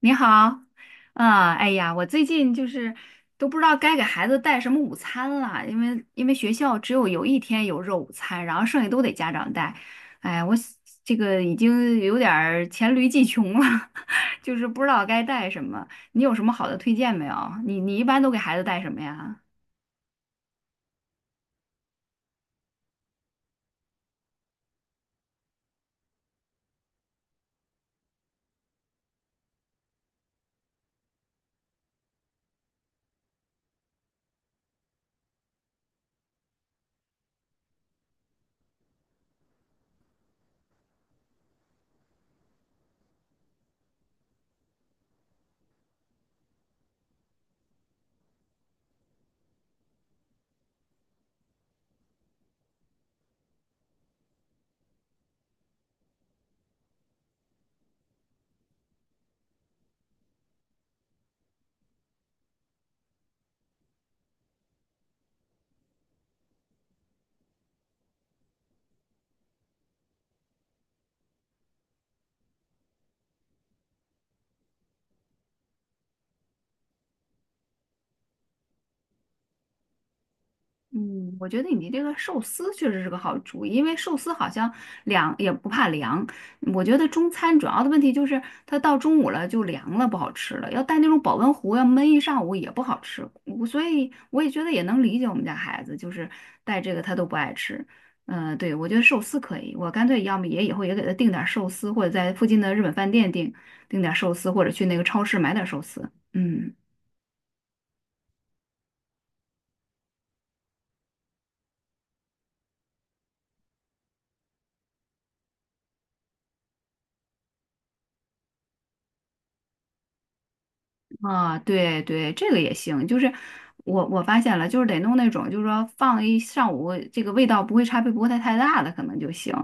你好，啊，哎呀，我最近就是都不知道该给孩子带什么午餐了，因为学校只有一天有肉午餐，然后剩下都得家长带。哎，我想这个已经有点儿黔驴技穷了，就是不知道该带什么。你有什么好的推荐没有？你一般都给孩子带什么呀？嗯，我觉得你这个寿司确实是个好主意，因为寿司好像凉也不怕凉。我觉得中餐主要的问题就是它到中午了就凉了，不好吃了。要带那种保温壶，要闷一上午也不好吃。所以我也觉得也能理解我们家孩子，就是带这个他都不爱吃。嗯、对，我觉得寿司可以，我干脆要么也以后也给他订点儿寿司，或者在附近的日本饭店订点儿寿司，或者去那个超市买点儿寿司。嗯。啊，对对，这个也行。就是我发现了，就是得弄那种，就是说放一上午，这个味道不会差别不会太大的，可能就行。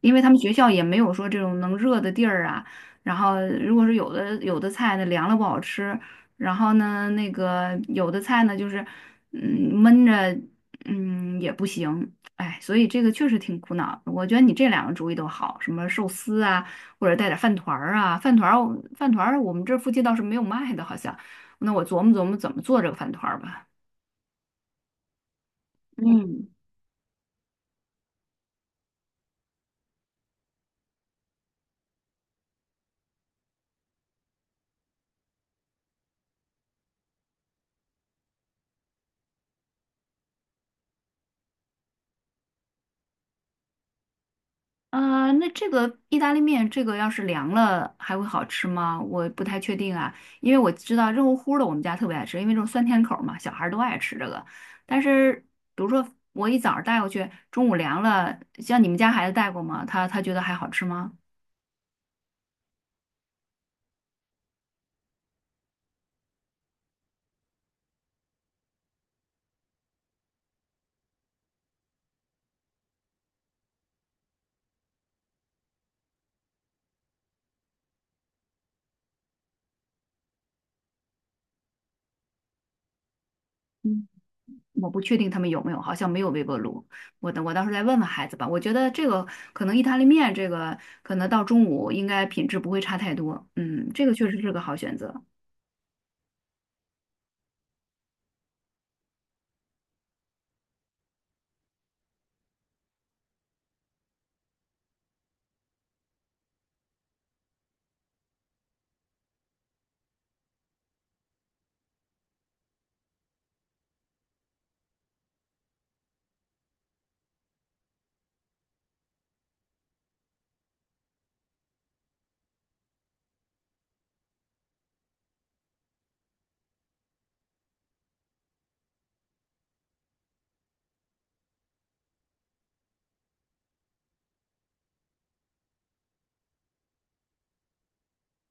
因为他们学校也没有说这种能热的地儿啊。然后，如果是有的菜呢凉了不好吃，然后呢那个有的菜呢就是嗯闷着嗯也不行。哎，所以这个确实挺苦恼的。我觉得你这两个主意都好，什么寿司啊。或者带点饭团儿啊，饭团儿我们这儿附近倒是没有卖的，好像。那我琢磨琢磨怎么做这个饭团儿吧。嗯，啊、那这个意大利面，这个要是凉了还会好吃吗？我不太确定啊，因为我知道热乎乎的我们家特别爱吃，因为这种酸甜口儿嘛，小孩儿都爱吃这个。但是比如说我一早上带过去，中午凉了，像你们家孩子带过吗？他觉得还好吃吗？嗯。我不确定他们有没有，好像没有微波炉。我等我到时候再问问孩子吧。我觉得这个可能意大利面这个可能到中午应该品质不会差太多。嗯，这个确实是个好选择。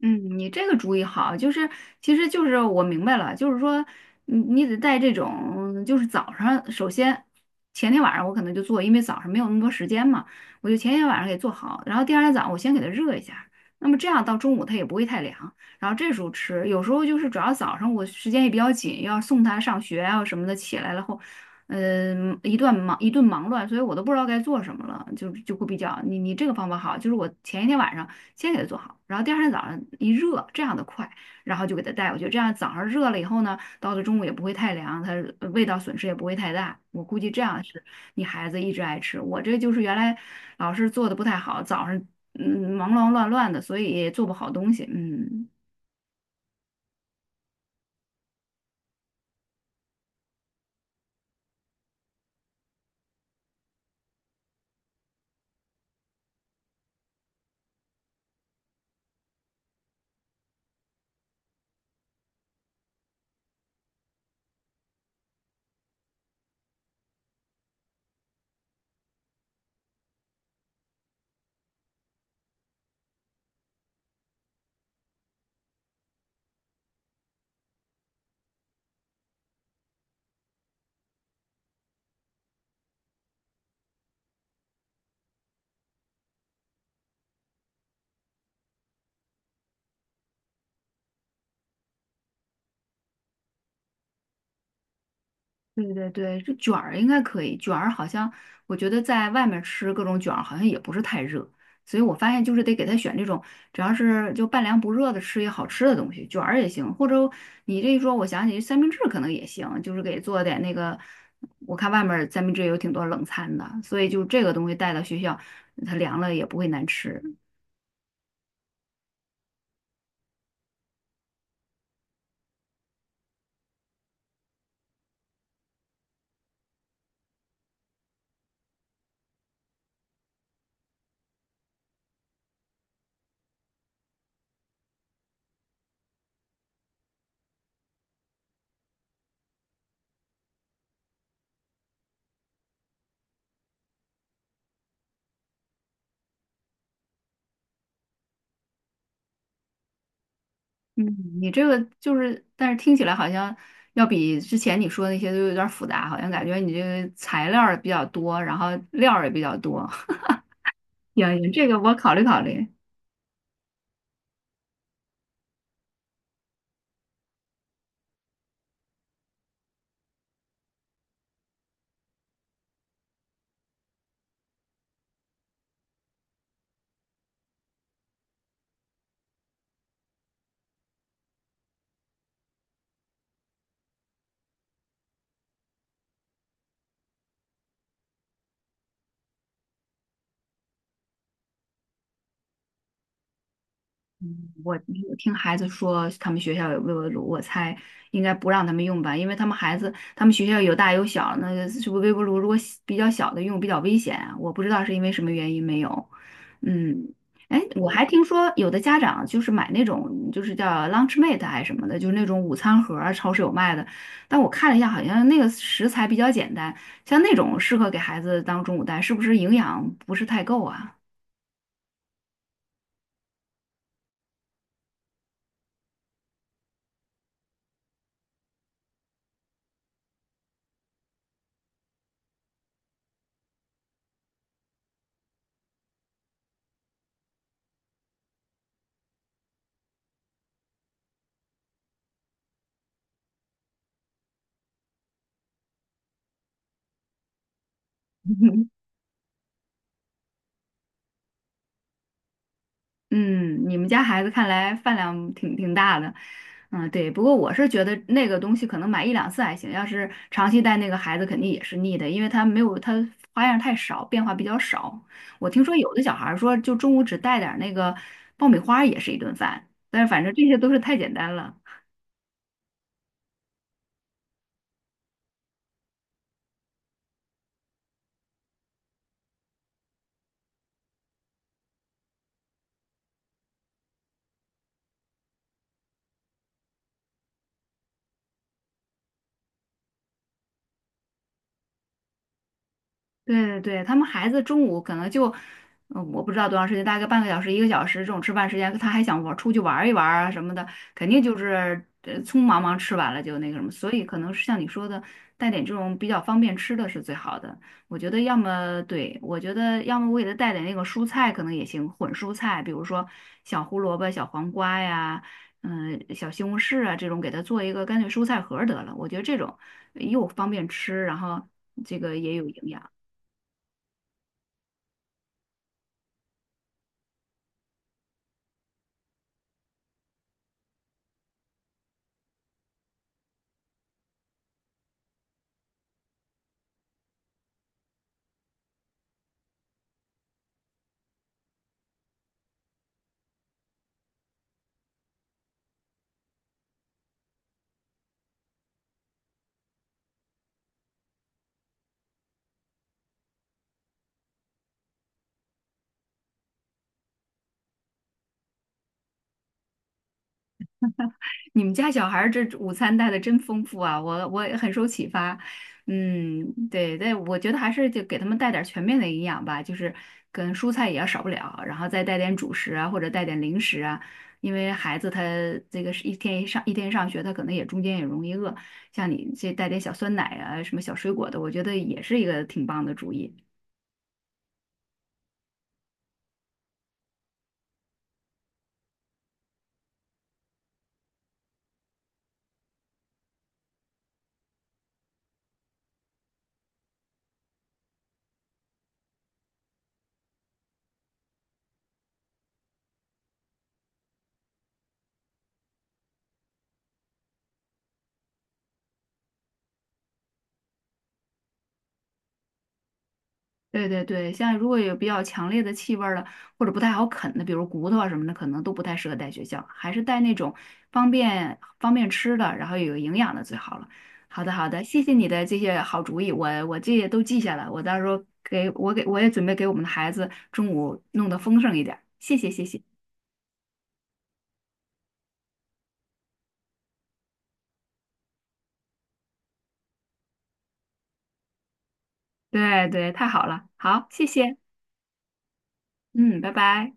嗯，你这个主意好，就是其实就是我明白了，就是说你得带这种就是早上，首先前天晚上我可能就做，因为早上没有那么多时间嘛，我就前天晚上给做好，然后第二天早上我先给它热一下，那么这样到中午它也不会太凉，然后这时候吃，有时候就是主要早上我时间也比较紧，要送他上学啊什么的，起来了后。嗯，一段忙一顿忙乱，所以我都不知道该做什么了，就会比较你这个方法好，就是我前一天晚上。先给他做好，然后第二天早上一热，这样的快，然后就给他带回去。这样早上热了以后呢，到了中午也不会太凉，它味道损失也不会太大。我估计这样是你孩子一直爱吃。我这就是原来老是做的不太好，早上嗯忙忙乱乱的，所以也做不好东西。嗯。对对对，这卷儿应该可以，卷儿好像我觉得在外面吃各种卷儿好像也不是太热，所以我发现就是得给他选这种只要是就半凉不热的吃也好吃的东西，卷儿也行，或者你这一说，我想起三明治可能也行，就是给做点那个，我看外面儿三明治有挺多冷餐的，所以就这个东西带到学校，它凉了也不会难吃。你这个就是，但是听起来好像要比之前你说的那些都有点儿复杂，好像感觉你这个材料儿比较多，然后料儿也比较多。行行，这个我考虑考虑。我我听孩子说他们学校有微波炉，我猜应该不让他们用吧，因为他们孩子他们学校有大有小，那个是不是微波炉如果小比较小的用比较危险啊？我不知道是因为什么原因没有。嗯，哎，我还听说有的家长就是买那种就是叫 Lunchmate 还是什么的，就是那种午餐盒儿超市有卖的。但我看了一下，好像那个食材比较简单，像那种适合给孩子当中午带，是不是营养不是太够啊？嗯，你们家孩子看来饭量挺大的，嗯，对。不过我是觉得那个东西可能买一两次还行，要是长期带那个孩子肯定也是腻的，因为他没有他花样太少，变化比较少。我听说有的小孩儿说，就中午只带点儿那个爆米花儿也是一顿饭，但是反正这些都是太简单了。对对对，他们孩子中午可能就，嗯，我不知道多长时间，大概半个小时、一个小时这种吃饭时间，他还想玩出去玩一玩啊什么的，肯定就是匆忙忙吃完了就那个什么，所以可能是像你说的，带点这种比较方便吃的是最好的。我觉得要么对，我觉得要么我给他带点那个蔬菜可能也行，混蔬菜，比如说小胡萝卜、小黄瓜呀，嗯、小西红柿啊这种，给他做一个干脆蔬菜盒儿得了。我觉得这种又方便吃，然后这个也有营养。你们家小孩儿这午餐带的真丰富啊，我也很受启发。嗯，对对，我觉得还是就给他们带点儿全面的营养吧，就是跟蔬菜也要少不了，然后再带点主食啊，或者带点零食啊，因为孩子他这个是一天一上一天上学，他可能也中间也容易饿，像你这带点小酸奶啊，什么小水果的，我觉得也是一个挺棒的主意。对对对，像如果有比较强烈的气味儿的，或者不太好啃的，比如骨头啊什么的，可能都不太适合带学校，还是带那种方便吃的，然后有营养的最好了。好的好的，谢谢你的这些好主意，我这些都记下来，我到时候给我也准备给我们的孩子中午弄得丰盛一点儿。谢谢谢谢，对对，太好了，好，谢谢，嗯，拜拜。